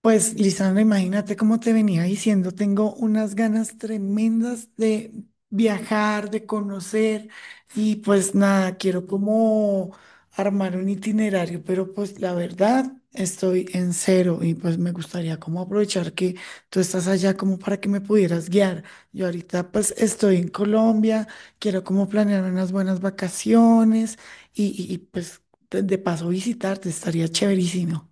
Pues, Lisandra, imagínate cómo te venía diciendo, tengo unas ganas tremendas de viajar, de conocer y pues nada, quiero como armar un itinerario, pero pues la verdad estoy en cero y pues me gustaría como aprovechar que tú estás allá como para que me pudieras guiar. Yo ahorita pues estoy en Colombia, quiero como planear unas buenas vacaciones y pues de paso visitarte, estaría chéverísimo.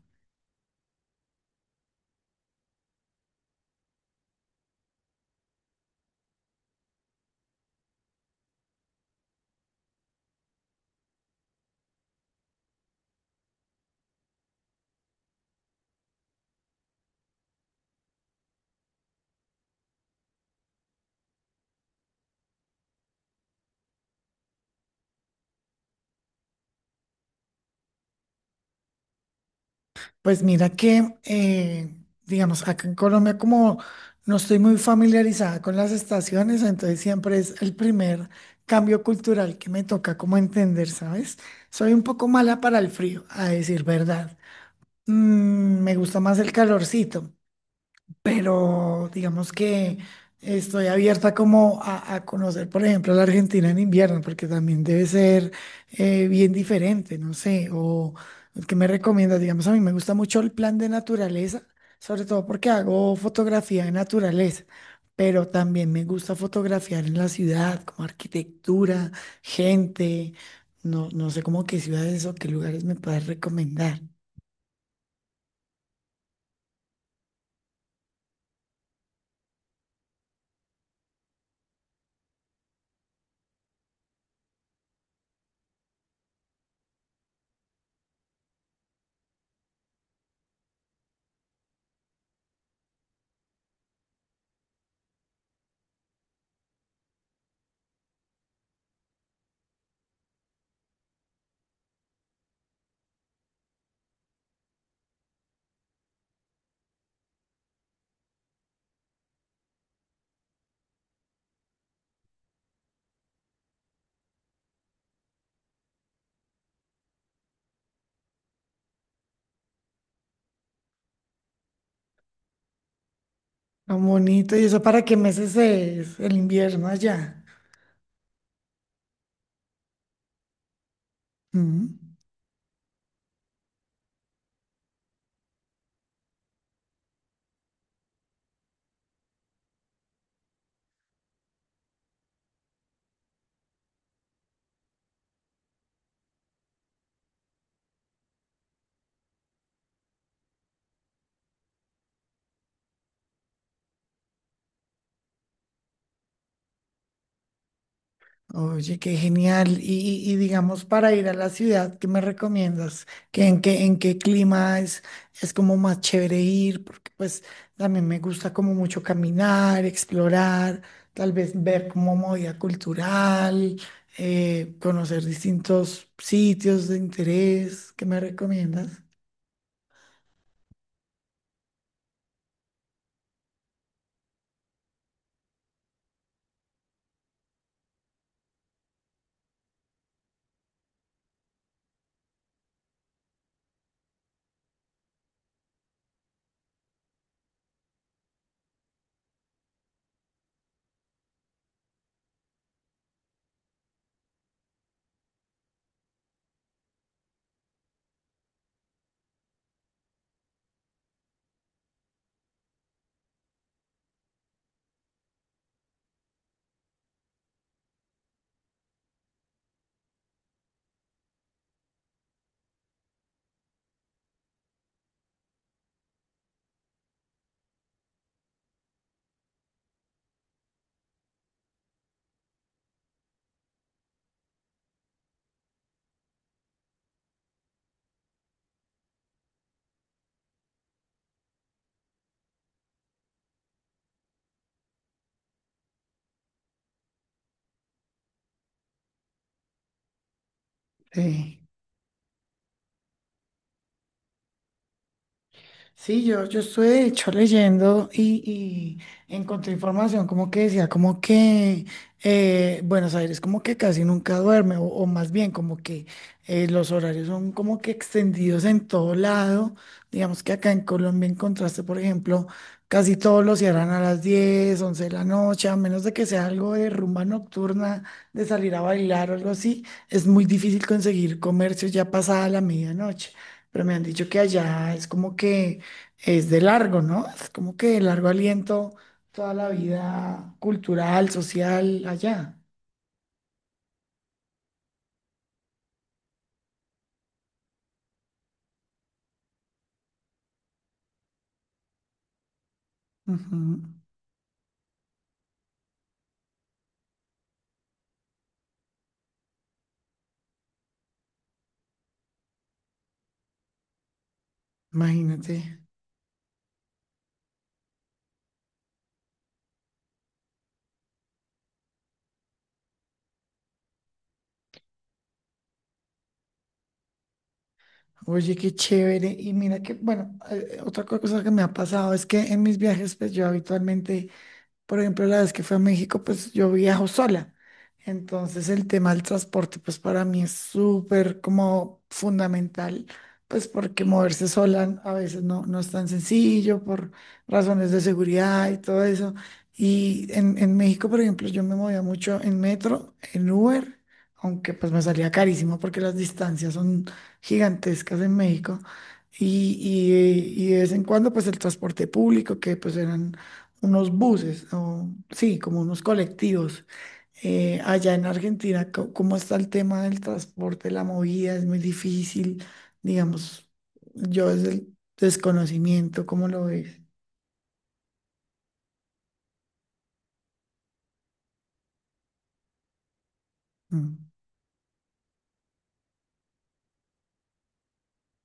Pues mira que, digamos, acá en Colombia como no estoy muy familiarizada con las estaciones, entonces siempre es el primer cambio cultural que me toca como entender, ¿sabes? Soy un poco mala para el frío, a decir verdad. Me gusta más el calorcito, pero digamos que estoy abierta como a conocer, por ejemplo, la Argentina en invierno, porque también debe ser bien diferente, no sé. O ¿qué me recomiendas? Digamos, a mí me gusta mucho el plan de naturaleza, sobre todo porque hago fotografía de naturaleza. Pero también me gusta fotografiar en la ciudad, como arquitectura, gente, no, no sé cómo qué ciudades o qué lugares me puedes recomendar. Tan bonito, ¿y eso para qué meses es el invierno allá? Mm. Oye, qué genial. Y digamos, para ir a la ciudad, ¿qué me recomiendas? ¿Qué, en qué clima es como más chévere ir? Porque pues también me gusta como mucho caminar, explorar, tal vez ver como movida cultural, conocer distintos sitios de interés. ¿Qué me recomiendas? Sí. Sí, yo estuve de hecho leyendo y encontré información como que decía, como que Buenos Aires como que casi nunca duerme, o más bien como que los horarios son como que extendidos en todo lado. Digamos que acá en Colombia encontraste, por ejemplo, casi todos los cierran a las 10 11 de la noche, a menos de que sea algo de rumba nocturna, de salir a bailar o algo así, es muy difícil conseguir comercio ya pasada la medianoche. Pero me han dicho que allá es como que es de largo, ¿no? Es como que de largo aliento toda la vida cultural, social, allá. Ujú. Imagínate. Oye, qué chévere. Y mira que, bueno, otra cosa que me ha pasado es que en mis viajes, pues yo habitualmente, por ejemplo, la vez que fui a México, pues yo viajo sola. Entonces el tema del transporte, pues para mí es súper como fundamental, pues porque moverse sola a veces no, no es tan sencillo por razones de seguridad y todo eso. Y en México, por ejemplo, yo me movía mucho en metro, en Uber, aunque pues me salía carísimo porque las distancias son gigantescas en México. Y, y de vez en cuando, pues el transporte público, que pues eran unos buses, o, sí, como unos colectivos. Allá en Argentina, ¿cómo está el tema del transporte, la movida? Es muy difícil, digamos, yo desde el desconocimiento, ¿cómo lo ves? Mm,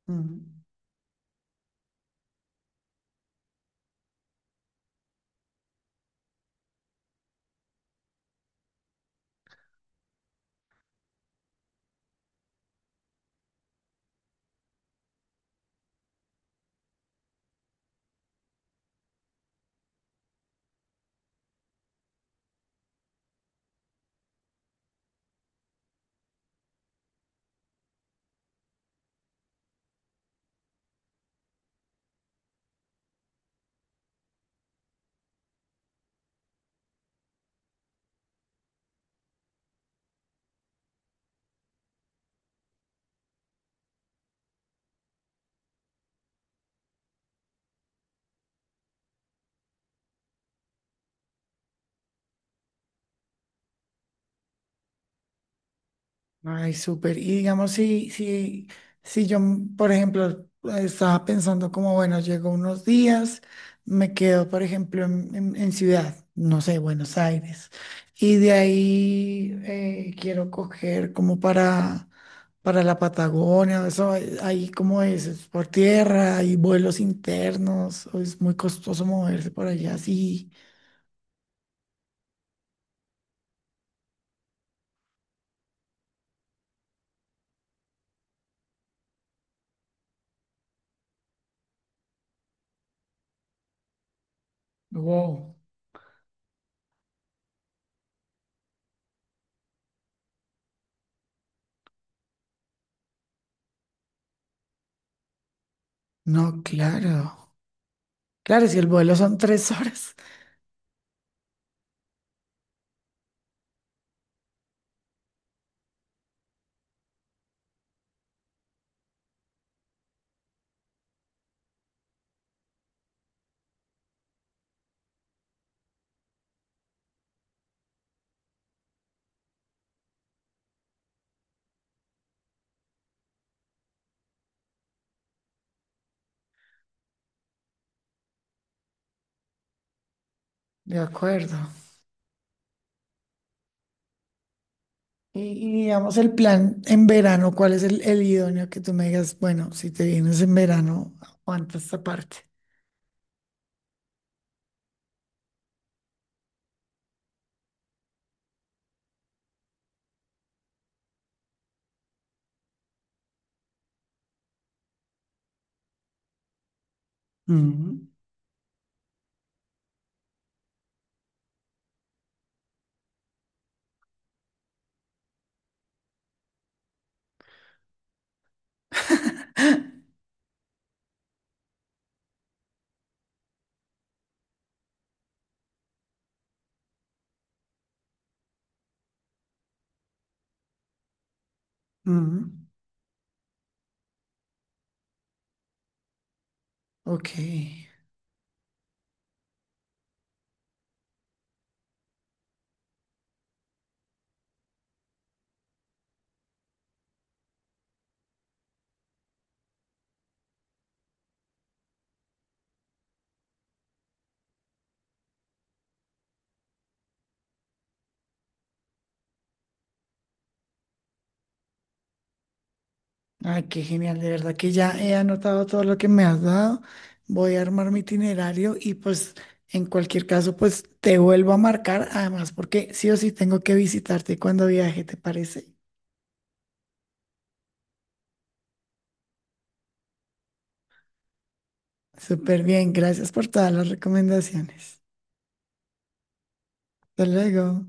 mm. Ay, súper. Y digamos, si yo, por ejemplo, estaba pensando como, bueno, llego unos días, me quedo, por ejemplo, en, en ciudad, no sé, Buenos Aires, y de ahí quiero coger como para la Patagonia. Eso, ahí como es, ¿es por tierra, hay vuelos internos, o es muy costoso moverse por allá? Sí. Wow. No, claro. Claro, si el vuelo son tres horas, de acuerdo. Y, y digamos, el plan en verano, ¿cuál es el idóneo que tú me digas? Bueno, si te vienes en verano, aguanta esta parte. Mm, mm. Ok. Ay, qué genial. De verdad que ya he anotado todo lo que me has dado. Voy a armar mi itinerario y pues en cualquier caso, pues te vuelvo a marcar. Además, porque sí o sí tengo que visitarte cuando viaje, ¿te parece? Súper bien. Gracias por todas las recomendaciones. Hasta luego.